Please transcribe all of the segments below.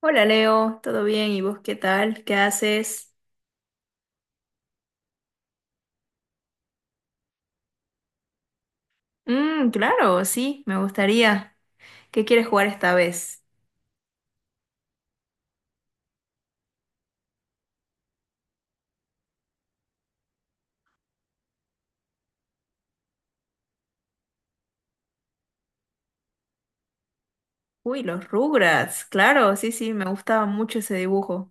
Hola Leo, ¿todo bien? ¿Y vos qué tal? ¿Qué haces? Claro, sí, me gustaría. ¿Qué quieres jugar esta vez? Uy, los Rugrats, claro, sí, sí, me gustaba mucho ese dibujo.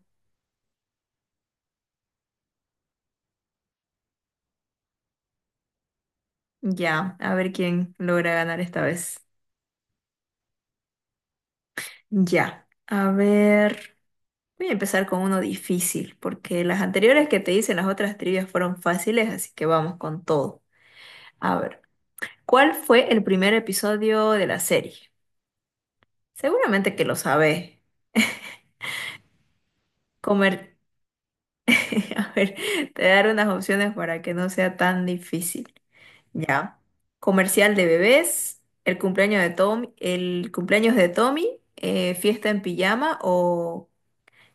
Ya, a ver quién logra ganar esta vez. Ya, a ver, voy a empezar con uno difícil, porque las anteriores que te hice, las otras trivias fueron fáciles, así que vamos con todo. A ver, ¿cuál fue el primer episodio de la serie? Seguramente que lo sabés. Comer. A ver, te daré unas opciones para que no sea tan difícil. Ya. Comercial de bebés, el cumpleaños de Tommy, fiesta en pijama o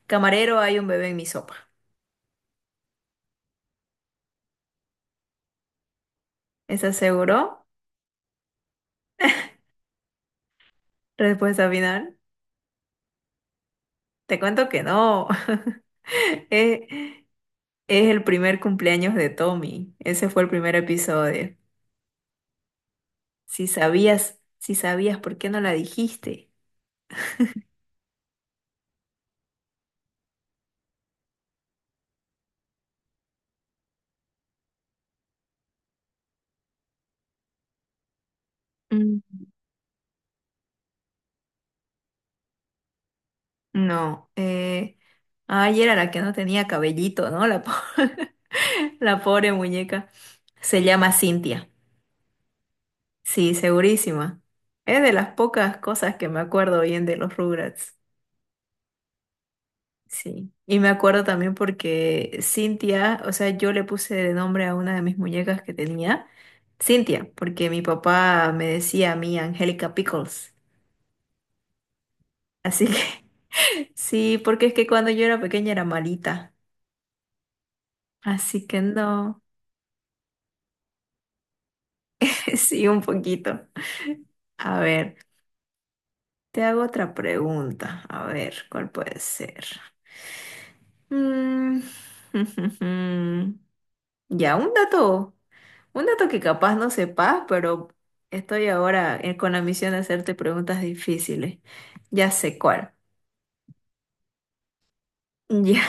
camarero hay un bebé en mi sopa. ¿Estás seguro? Respuesta final. Te cuento que no. Es, es el primer cumpleaños de Tommy. Ese fue el primer episodio. Si sabías, si sabías, ¿por qué no la dijiste? No, ay, era la que no tenía cabellito, ¿no? La pobre muñeca. Se llama Cintia. Sí, segurísima. Es de las pocas cosas que me acuerdo bien de los Rugrats. Sí. Y me acuerdo también porque Cintia, o sea, yo le puse de nombre a una de mis muñecas que tenía, Cintia, porque mi papá me decía a mí Angélica Pickles. Así que sí, porque es que cuando yo era pequeña era malita. Así que no. Sí, un poquito. A ver, te hago otra pregunta. A ver, ¿cuál puede ser? Mm. Ya, un dato que capaz no sepas, pero estoy ahora con la misión de hacerte preguntas difíciles. Ya sé cuál. Ya.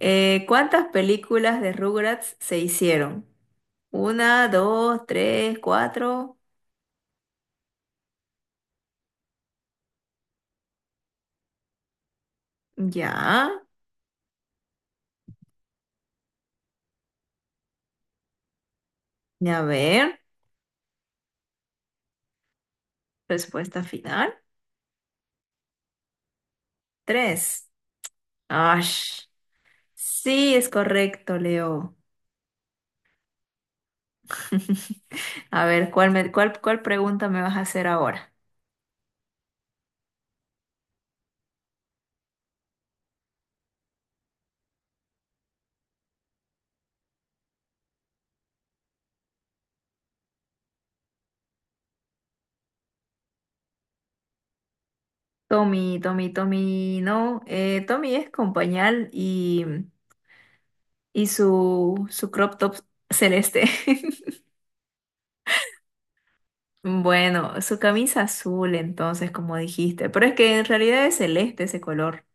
¿Cuántas películas de Rugrats se hicieron? Una, dos, tres, cuatro. Ya. Ya, a ver. Respuesta final. Tres. Ash. Sí, es correcto, Leo. A ver, ¿cuál pregunta me vas a hacer ahora? Tommy, Tommy, Tommy, no. Tommy es con pañal y su crop top celeste. Bueno, su camisa azul, entonces, como dijiste. Pero es que en realidad es celeste ese color.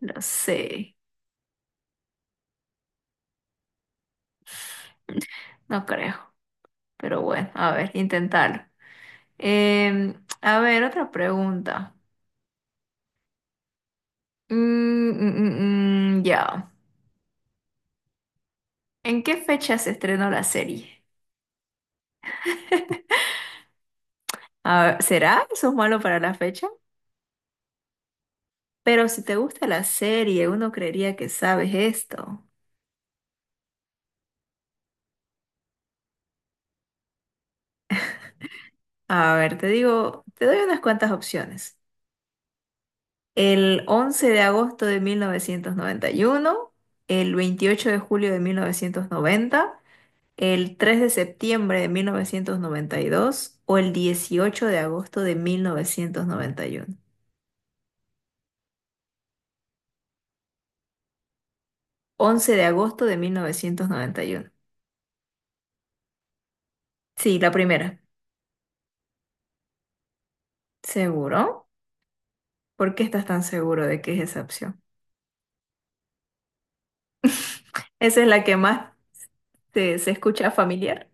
Lo sé, no creo. Pero bueno, a ver, intentarlo. A ver, otra pregunta. Ya. ¿En qué fecha se estrenó la serie? Ah, ¿será eso es malo para la fecha? Pero si te gusta la serie, uno creería que sabes esto. A ver, te digo, te doy unas cuantas opciones. El 11 de agosto de 1991, el 28 de julio de 1990, el 3 de septiembre de 1992 o el 18 de agosto de 1991. 11 de agosto de 1991. Sí, la primera. ¿Seguro? ¿Por qué estás tan seguro de que es esa opción? Esa es la que más se escucha familiar.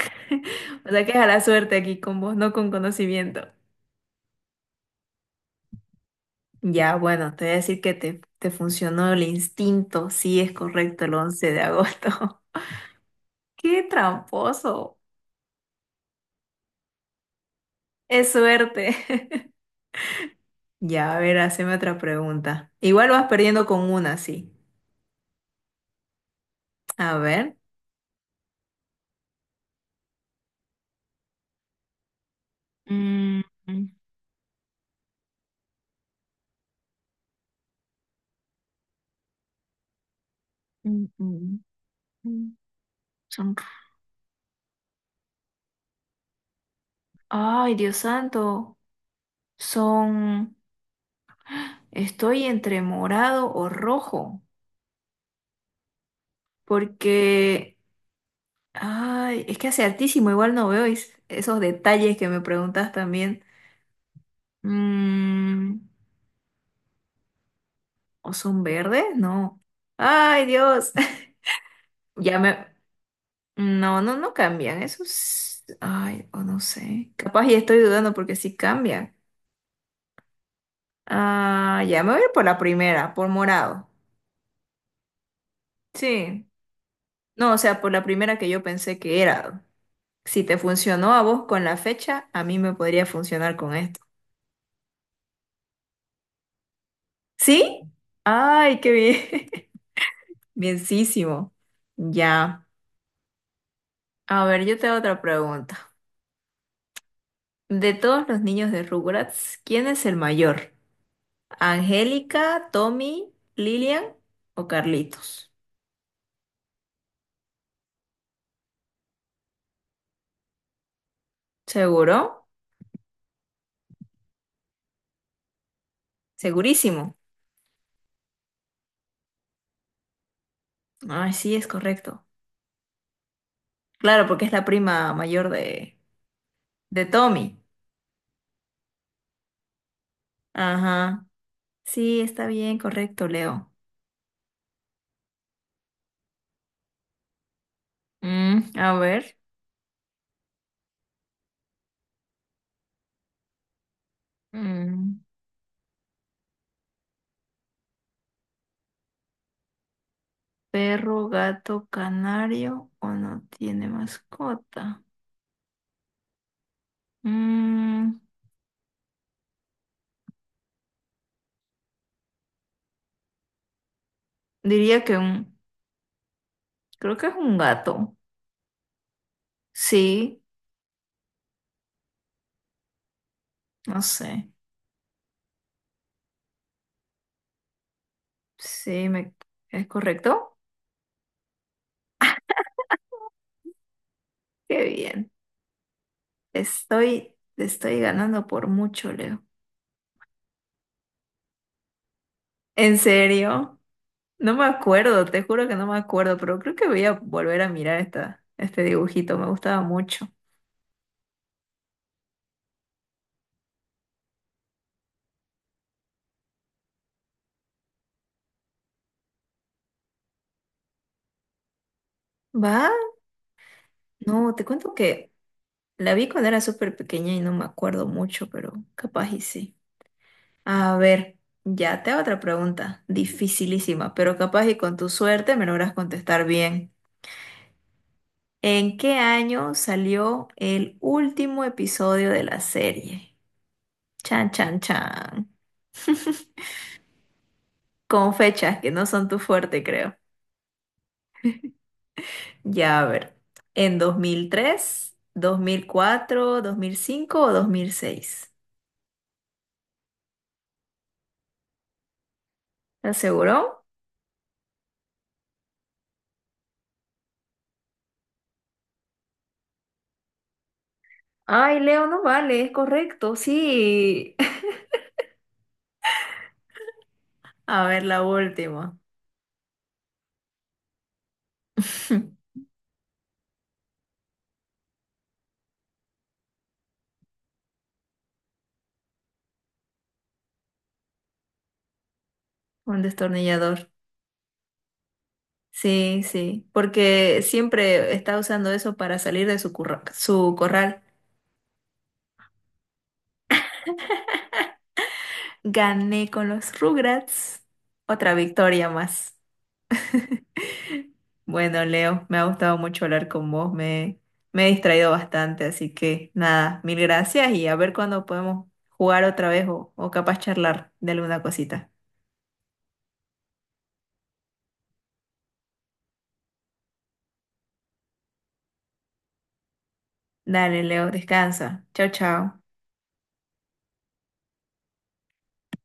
O sea que es a la suerte aquí con vos, no con conocimiento. Ya, bueno, te voy a decir que te funcionó el instinto. Sí, es correcto el 11 de agosto. ¡Qué tramposo! Es suerte. Ya, a ver, haceme otra pregunta. Igual vas perdiendo con una, sí. A ver. Mm, mm, mm, mm, mm. Son. Ay, Dios santo. Son. Estoy entre morado o rojo, porque, ay, es que hace altísimo, igual no veo esos detalles que me preguntas también. Mm, ¿O son verdes? No. Ay, Dios. Ya me. No, no, no cambian. Esos. Ay, o no sé. Capaz ya estoy dudando porque sí cambian. Ah, ya me voy a ir por la primera, por morado. Sí. No, o sea, por la primera que yo pensé que era. Si te funcionó a vos con la fecha, a mí me podría funcionar con esto. ¿Sí? ¡Ay, qué bien! Bienísimo. Ya. A ver, yo te hago otra pregunta. De todos los niños de Rugrats, ¿quién es el mayor? ¿Angélica, Tommy, Lilian o Carlitos? ¿Seguro? Segurísimo. Ay, sí, es correcto. Claro, porque es la prima mayor de Tommy. Ajá. Sí, está bien, correcto, Leo. A ver. Mm, ¿Perro, gato, canario o no tiene mascota? Mm, Diría que creo que es un gato. Sí, no sé. Sí, ¿es correcto? Qué bien. Te estoy ganando por mucho, Leo. ¿En serio? No me acuerdo, te juro que no me acuerdo, pero creo que voy a volver a mirar este dibujito, me gustaba mucho. ¿Va? No, te cuento que la vi cuando era súper pequeña y no me acuerdo mucho, pero capaz y sí. A ver, ya te hago otra pregunta, dificilísima, pero capaz y con tu suerte me logras contestar bien. ¿En qué año salió el último episodio de la serie? Chan, chan, chan. Con fechas que no son tu fuerte, creo. Ya, a ver. ¿En dos mil tres, 2004, 2005 o 2006? ¿Estás seguro? Ay, Leo, no vale, es correcto, sí. A ver, la última. Un destornillador. Sí, sí, porque siempre está usando eso para salir de su corral. Gané con los Rugrats. Otra victoria más. Bueno, Leo, me ha gustado mucho hablar con vos. Me he distraído bastante, así que nada, mil gracias y a ver cuándo podemos jugar otra vez o capaz charlar de alguna cosita. Dale, Leo, descansa. Chao, chao.